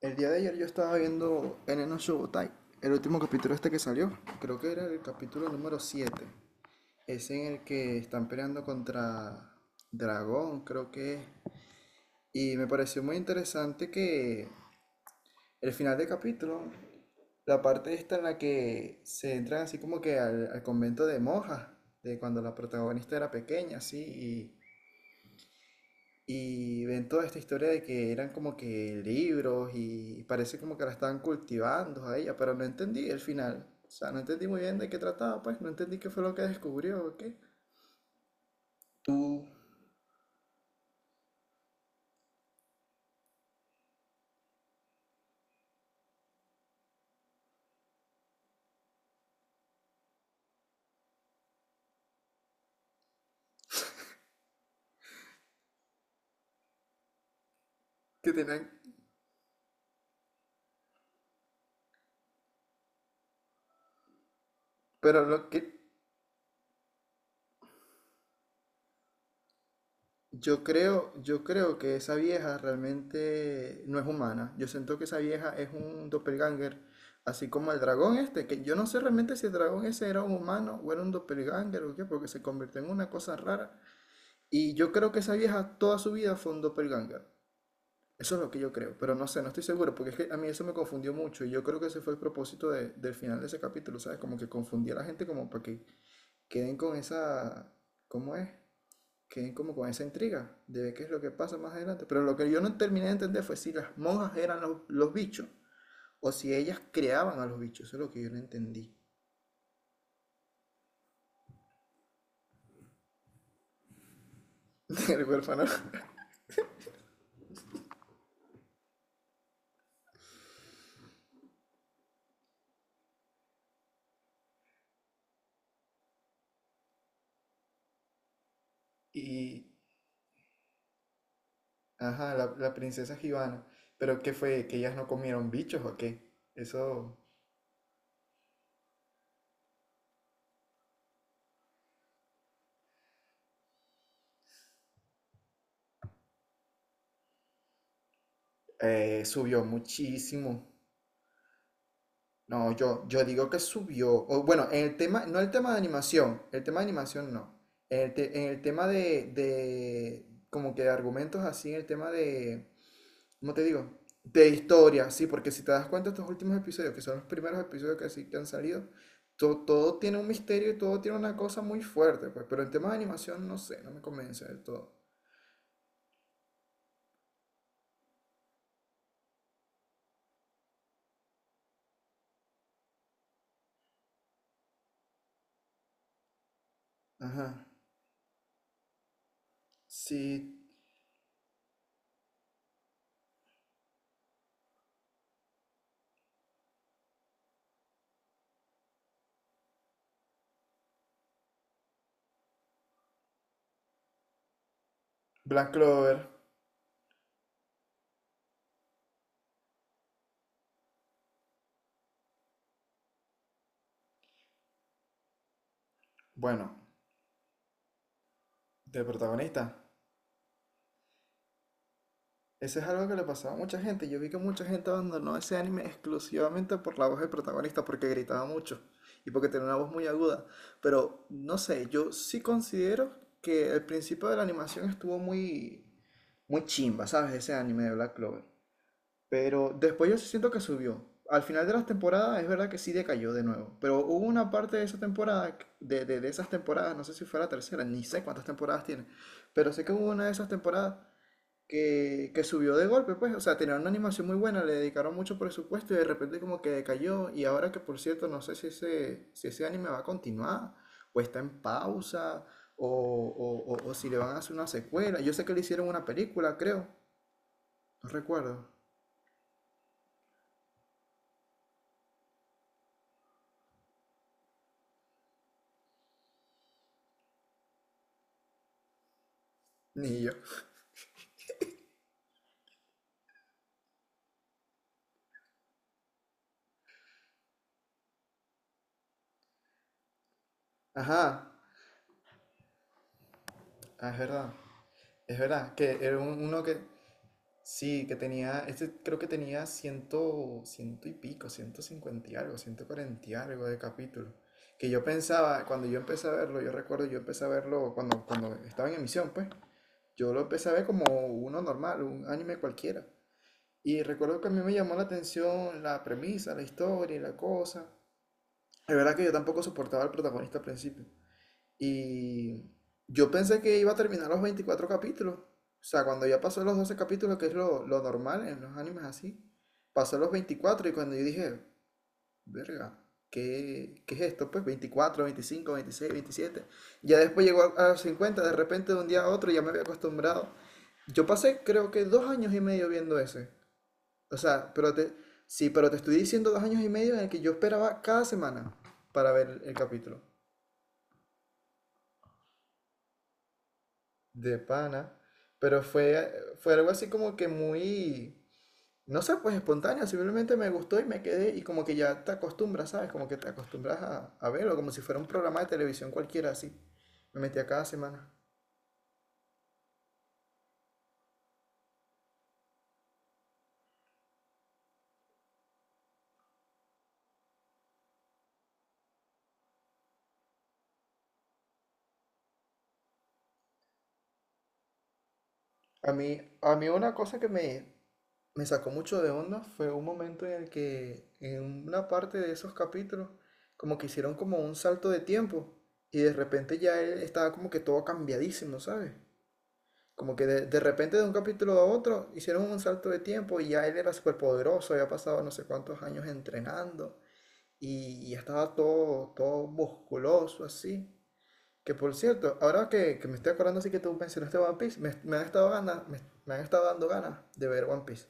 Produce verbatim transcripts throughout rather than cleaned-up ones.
El día de ayer yo estaba viendo Eneno Shobutai, el último capítulo este que salió. Creo que era el capítulo número siete. Es en el que están peleando contra Dragón, creo que es. Y me pareció muy interesante que el final del capítulo, la parte esta en la que se entran así como que al, al convento de monjas, de cuando la protagonista era pequeña, así, y Y ven toda esta historia de que eran como que libros y parece como que la estaban cultivando a ella, pero no entendí el final. O sea, no entendí muy bien de qué trataba, pues no entendí qué fue lo que descubrió o qué. Tú, que tenían... Pero lo que yo creo, yo creo que esa vieja realmente no es humana. Yo siento que esa vieja es un doppelganger, así como el dragón este, que yo no sé realmente si el dragón ese era un humano o era un doppelganger o qué, porque se convirtió en una cosa rara. Y yo creo que esa vieja toda su vida fue un doppelganger. Eso es lo que yo creo, pero no sé, no estoy seguro, porque es que a mí eso me confundió mucho y yo creo que ese fue el propósito de- del final de ese capítulo, ¿sabes? Como que confundía a la gente como para que queden con esa, ¿cómo es? Queden como con esa intriga de ver qué es lo que pasa más adelante. Pero lo que yo no terminé de entender fue si las monjas eran los, los bichos o si ellas creaban a los bichos, eso es lo que yo no entendí del huérfano. Y, ajá, la, la princesa Gibana. Pero ¿qué fue? ¿Que ellas no comieron bichos o qué? Eso eh, subió muchísimo. No, yo, yo digo que subió. O, bueno, en el tema, no el tema de animación, el tema de animación no. En el, te- en el tema de, de, como que de argumentos así, en el tema de, ¿cómo te digo? De historia, sí, porque si te das cuenta estos últimos episodios, que son los primeros episodios que, sí, que han salido, to- todo tiene un misterio y todo tiene una cosa muy fuerte, pues, pero el tema de animación no sé, no me convence del todo. Ajá. Sí, Black Clover. Bueno, de protagonista. Ese es algo que le pasaba a mucha gente. Yo vi que mucha gente abandonó ese anime exclusivamente por la voz del protagonista, porque gritaba mucho y porque tenía una voz muy aguda. Pero no sé, yo sí considero que el principio de la animación estuvo muy, muy chimba, ¿sabes? Ese anime de Black Clover. Pero después yo siento que subió. Al final de las temporadas es verdad que sí decayó de nuevo. Pero hubo una parte de esa temporada, que- de, de- de esas temporadas, no sé si fue la tercera, ni sé cuántas temporadas tiene. Pero sé que hubo una de esas temporadas que, que subió de golpe, pues. O sea, tenían una animación muy buena, le dedicaron mucho presupuesto y de repente como que decayó. Y ahora que por cierto, no sé si ese, si ese anime va a continuar o está en pausa o, o o- o si le van a hacer una secuela. Yo sé que le hicieron una película, creo. No recuerdo. Ni yo. Ajá, ah, es verdad, es verdad, que era un- uno que, sí, que tenía, este creo que tenía ciento, ciento y pico, ciento cincuenta y algo, ciento cuarenta y algo de capítulo, que yo pensaba, cuando yo empecé a verlo, yo recuerdo, yo empecé a verlo cuando, cuando estaba en emisión, pues, yo lo empecé a ver como uno normal, un anime cualquiera, y recuerdo que a mí me llamó la atención la premisa, la historia y la cosa, es verdad que yo tampoco soportaba al protagonista al principio, y yo pensé que iba a terminar los veinticuatro capítulos. O sea, cuando ya pasó los doce capítulos, que es lo, lo normal en los animes así, pasó los veinticuatro y cuando yo dije, verga, ¿qué, qué es esto? Pues veinticuatro veinticinco veintiséis, veintisiete. Ya después llegó a, a los cincuenta de repente de un día a otro ya me había acostumbrado. Yo pasé creo que dos años y medio viendo ese. O sea, pero te, sí, pero te estoy diciendo dos años y medio en el que yo esperaba cada semana para ver el capítulo. De pana. Pero fue, fue algo así como que muy, no sé, pues espontáneo. Simplemente me gustó y me quedé. Y como que ya te acostumbras, ¿sabes? Como que te acostumbras a, a verlo, como si fuera un programa de televisión cualquiera así. Me metía cada semana. A mí, a mí una cosa que me, me sacó mucho de onda fue un momento en el que en una parte de esos capítulos como que hicieron como un salto de tiempo y de repente ya él estaba como que todo cambiadísimo, ¿sabes? Como que de, de repente de un capítulo a otro hicieron un salto de tiempo y ya él era súper poderoso, había pasado no sé cuántos años entrenando y ya estaba todo, todo musculoso así. Que por cierto, ahora que, que me estoy acordando así que tú mencionaste One Piece, me, me han estado ganas, me, me han estado dando ganas de ver One Piece.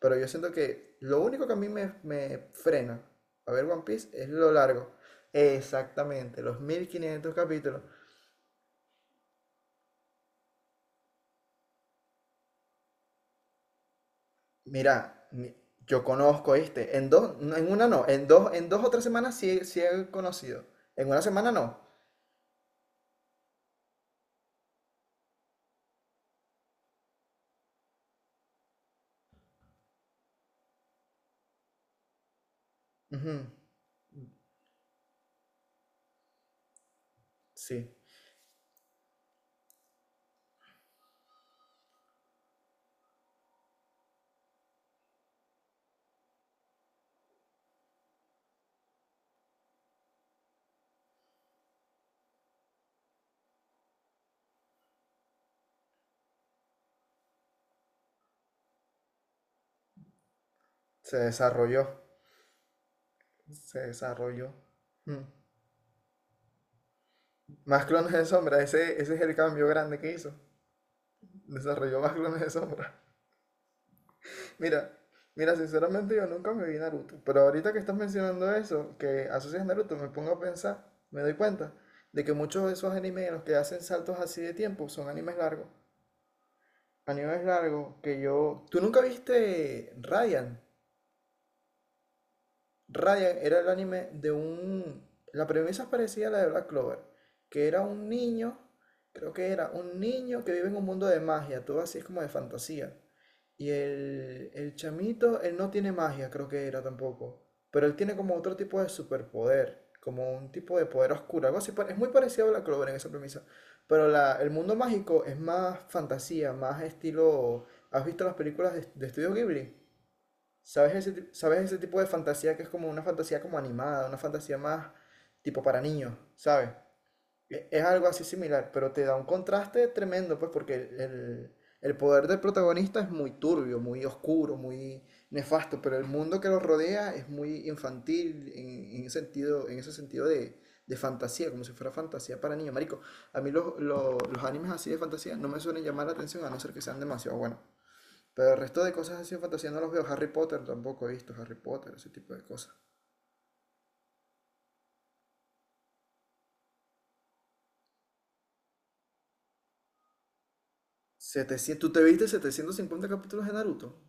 Pero yo siento que lo único que a mí me, me frena a ver One Piece es lo largo. Exactamente, los mil quinientos capítulos. Mira, mi- yo conozco este. En dos, no, en una no. En dos, en dos o tres semanas sí, sí he conocido. En una semana no. Ujú, sí. Se desarrolló. Se desarrolló. Mm. Más clones de sombra. Ese, ese es el cambio grande que hizo. Desarrolló más clones de sombra. Mira, mira, sinceramente yo nunca me vi Naruto. Pero ahorita que estás mencionando eso, que asocias Naruto, me pongo a pensar, me doy cuenta de que muchos de esos animes en los que hacen saltos así de tiempo son animes largos. A es largo, que yo... ¿Tú nunca viste Radiant? Raya era el anime de un... La premisa es parecida a la de Black Clover, que era un niño, creo que era un niño que vive en un mundo de magia, todo así es como de fantasía. Y el, el chamito, él no tiene magia, creo que era tampoco, pero él tiene como otro tipo de superpoder, como un tipo de poder oscuro, algo así, pa- es muy parecido a Black Clover en esa premisa, pero la- el mundo mágico es más fantasía, más estilo... ¿Has visto las películas de, de Estudio Ghibli? ¿Sabes ese, ti- sabes ese tipo de fantasía que es como una fantasía como animada, una fantasía más tipo para niños, ¿sabes? E- Es algo así similar, pero te da un contraste tremendo, pues, porque el, el- el poder del protagonista es muy turbio, muy oscuro, muy nefasto, pero el mundo que lo rodea es muy infantil en, en ese sentido, en ese sentido de, de fantasía, como si fuera fantasía para niños. Marico, a mí los, los, los animes así de fantasía no me suelen llamar la atención a no ser que sean demasiado buenos. Pero el resto de cosas así de fantasía no los veo. Harry Potter tampoco he visto Harry Potter, ese tipo de cosas. Setecientos, ¿tú te viste setecientos cincuenta capítulos de Naruto?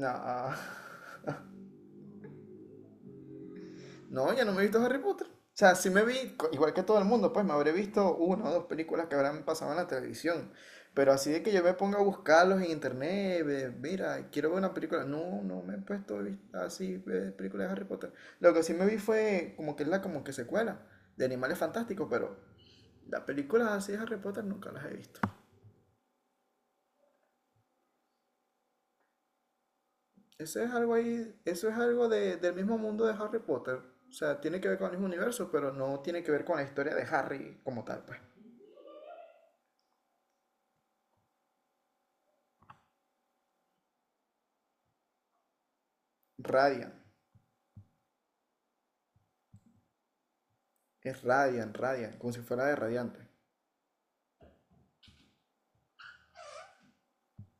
No. No, ya no me he visto Harry Potter. O sea, sí me vi, co- igual que todo el mundo, pues me habré visto una o dos películas que habrán pasado en la televisión. Pero así de que yo me ponga a buscarlos en internet, ve, mira, quiero ver una película. No, no me he puesto a vis- así eh, películas de Harry Potter. Lo que sí me vi fue como que es la como que secuela de Animales Fantásticos, pero las películas así de Harry Potter nunca las he visto. Eso es algo ahí, eso es algo de- del mismo mundo de Harry Potter. O sea, tiene que ver con el mismo universo, pero no tiene que ver con la historia de Harry como tal, pues. Radiant. Es Radiant, Radiant, como si fuera de Radiante.